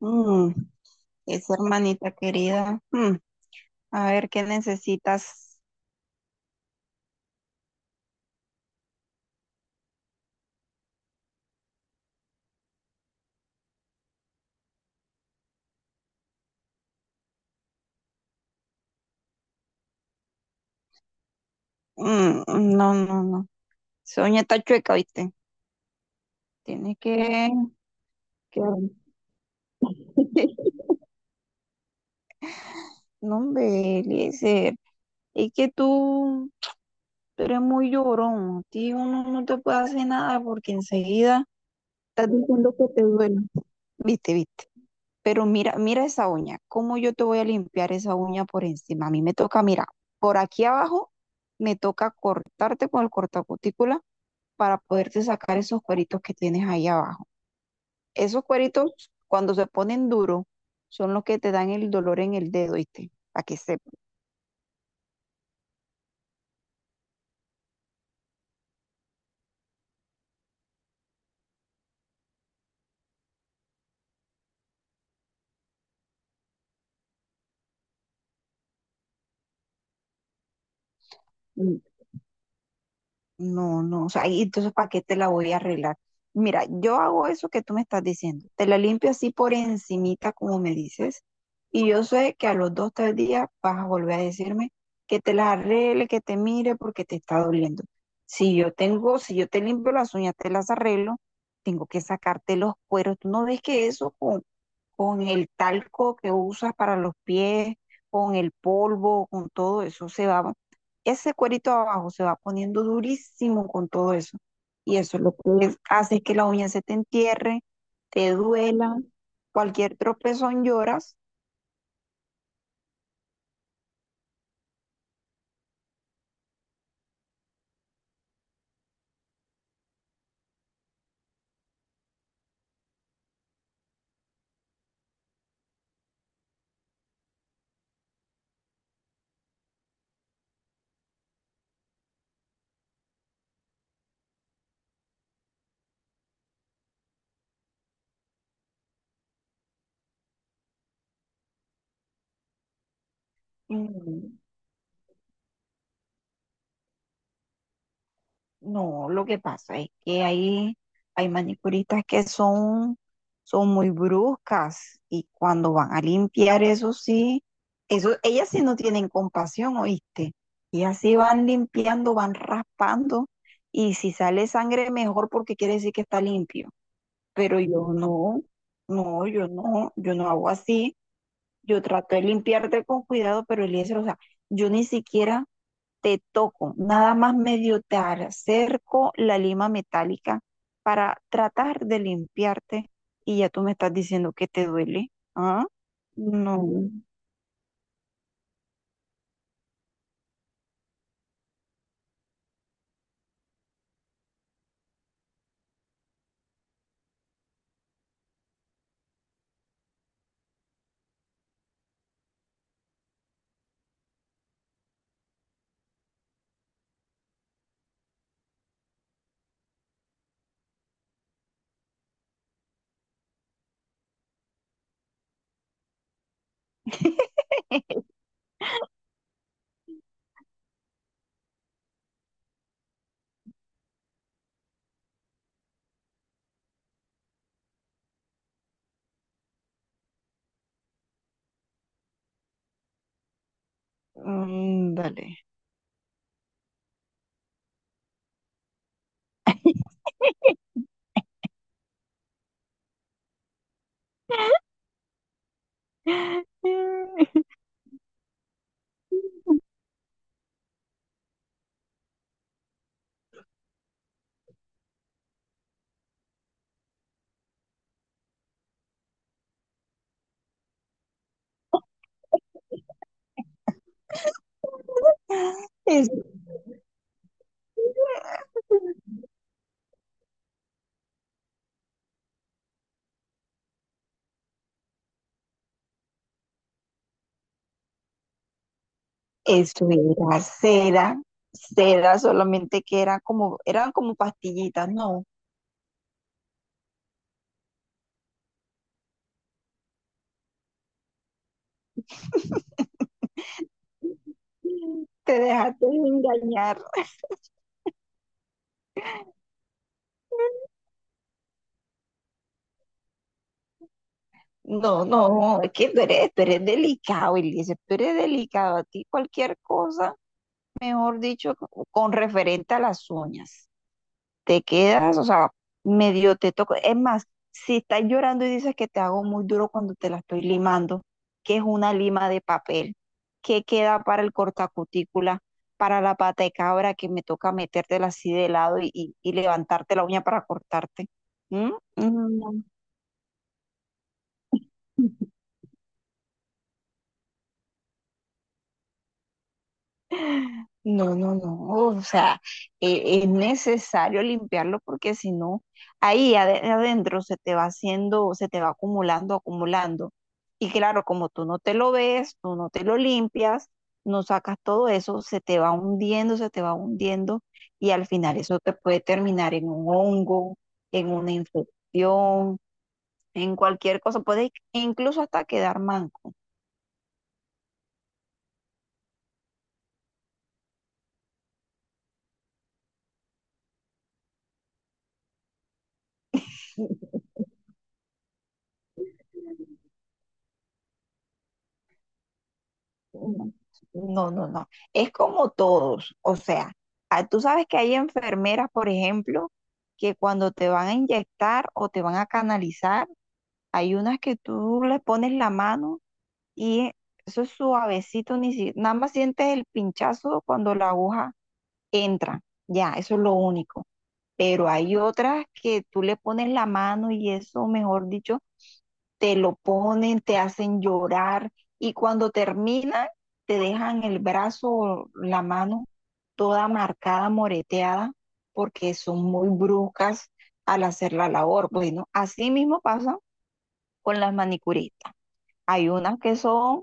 Mm, esa hermanita querida. Mm, a ver, ¿qué necesitas? Mm, no, no, no. Esa uña está chueca, ¿viste? Tiene que... No, hombre, Eliezer. Es que tú eres muy llorón. A ti uno no te puede hacer nada porque enseguida estás diciendo que te duele. Viste, viste. Pero mira, mira esa uña. ¿Cómo yo te voy a limpiar esa uña por encima? A mí me toca, mira, por aquí abajo me toca cortarte con el cortacutícula para poderte sacar esos cueritos que tienes ahí abajo. Esos cueritos, cuando se ponen duros, son los que te dan el dolor en el dedo, ¿viste? Para que sepas. No, no, o sea, y entonces ¿para qué te la voy a arreglar? Mira, yo hago eso que tú me estás diciendo, te la limpio así por encimita como me dices, y yo sé que a los dos, tres días vas a volver a decirme que te la arregle, que te mire porque te está doliendo. Si yo tengo, si yo te limpio las uñas, te las arreglo, tengo que sacarte los cueros. ¿Tú no ves que eso con el talco que usas para los pies, con el polvo, con todo eso se va ese cuerito abajo se va poniendo durísimo con todo eso. Y eso lo que hace es que la uña se te entierre, te duela, cualquier tropezón lloras. Mm, no, lo que pasa es que hay manicuristas que son, son muy bruscas y cuando van a limpiar, eso sí, eso, ellas sí no tienen compasión, ¿oíste? Y así van limpiando, van raspando y si sale sangre mejor porque quiere decir que está limpio. Pero yo no hago así. Yo trato de limpiarte con cuidado, pero Eliezer, o sea, yo ni siquiera te toco, nada más medio te acerco la lima metálica para tratar de limpiarte y ya tú me estás diciendo que te duele. ¿Ah? No. Mm, dale. Es- Eso era cera, cera solamente que era como, eran como pastillitas, no, te dejaste engañar. No, no, es que tú eres delicado, Eliezer, tú eres delicado. A ti cualquier cosa, mejor dicho, con referente a las uñas. Te quedas, o sea, medio te toco. Es más, si estás llorando y dices que te hago muy duro cuando te la estoy limando, que es una lima de papel, qué queda para el cortacutícula, para la pata de cabra que me toca metértela así de lado y levantarte la uña para cortarte. ¿Mm? Mm, no. No, no, no, o sea, es necesario limpiarlo porque si no, adentro se te va haciendo, se te va acumulando, acumulando. Y claro, como tú no te lo ves, tú no te lo limpias, no sacas todo eso, se te va hundiendo, se te va hundiendo y al final eso te puede terminar en un hongo, en una infección, en cualquier cosa, puede incluso hasta quedar manco. No, no, no, no. Es como todos. O sea, ah, tú sabes que hay enfermeras, por ejemplo, que cuando te van a inyectar o te van a canalizar, hay unas que tú le pones la mano y eso es suavecito, ni si, nada más sientes el pinchazo cuando la aguja entra. Ya, eso es lo único. Pero hay otras que tú le pones la mano y eso, mejor dicho, te lo ponen, te hacen llorar y cuando terminan te dejan el brazo o la mano toda marcada, moreteada, porque son muy bruscas al hacer la labor. Bueno, así mismo pasa con las manicuristas. Hay unas que son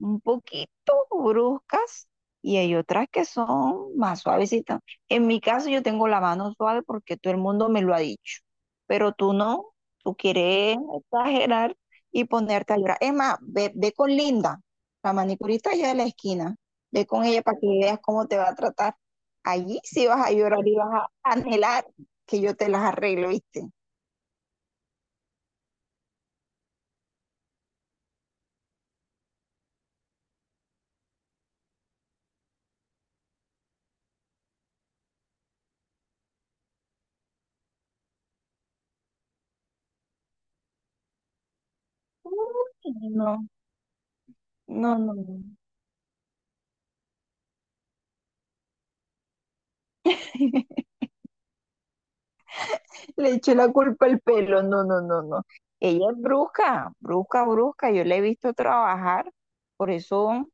un poquito bruscas y hay otras que son más suavecitas. En mi caso yo tengo la mano suave porque todo el mundo me lo ha dicho, pero tú no, tú quieres exagerar y ponerte a llorar. Es más, ve, ve con Linda, la manicurista allá de la esquina, ve con ella para que veas cómo te va a tratar. Allí sí vas a llorar y vas a anhelar que yo te las arreglo, ¿viste? Uy, no, no, no, no. Le eché la culpa al pelo. No, no, no, no. Ella es brusca, brusca, brusca. Yo la he visto trabajar. Por eso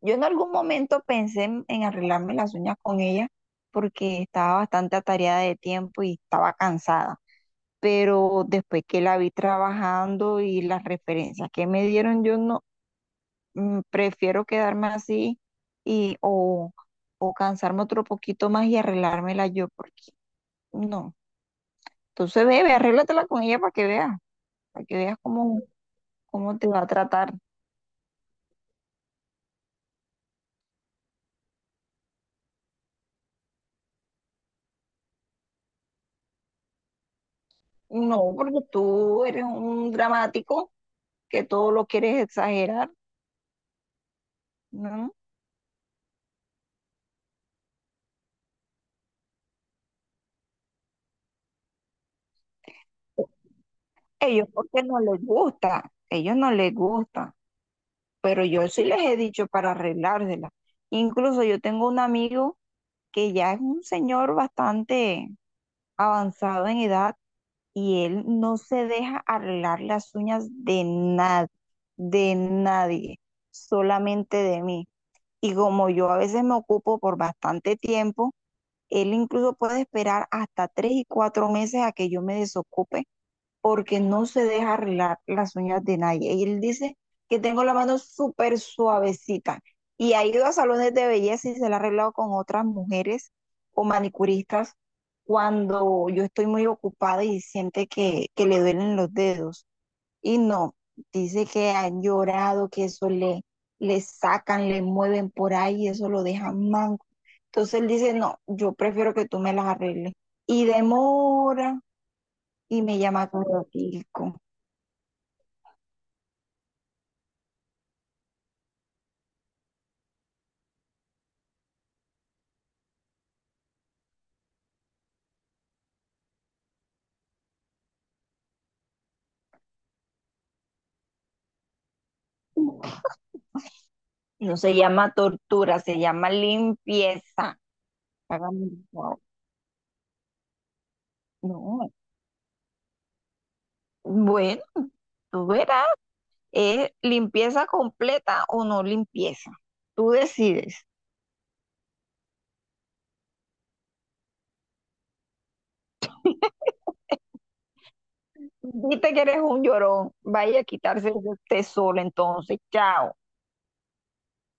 yo en algún momento pensé en arreglarme las uñas con ella porque estaba bastante atareada de tiempo y estaba cansada. Pero después que la vi trabajando y las referencias que me dieron, yo no, mm, prefiero quedarme así y o cansarme otro poquito más y arreglármela yo porque no. Entonces, bebe, arréglatela con ella para que veas. Para que veas cómo, cómo te va a tratar. No, porque tú eres un dramático que todo lo quieres exagerar, ¿no? Ellos porque no les gusta, ellos no les gusta, pero yo sí les he dicho para arreglársela. Incluso yo tengo un amigo que ya es un señor bastante avanzado en edad y él no se deja arreglar las uñas de nadie, solamente de mí. Y como yo a veces me ocupo por bastante tiempo, él incluso puede esperar hasta tres y cuatro meses a que yo me desocupe porque no se deja arreglar las uñas de nadie. Y él dice que tengo la mano súper suavecita y ha ido a salones de belleza y se la ha arreglado con otras mujeres o manicuristas cuando yo estoy muy ocupada y siente que le duelen los dedos. Y no, dice que han llorado, que eso le, le sacan, le mueven por ahí, y eso lo dejan manco. Entonces él dice, no, yo prefiero que tú me las arregles. Y demora y me llama corotico. No se llama tortura, se llama limpieza. Hágame, wow. No, bueno, tú verás, es limpieza completa o no limpieza. Tú decides. Viste que eres un llorón. Vaya a quitarse de usted solo, entonces. Chao.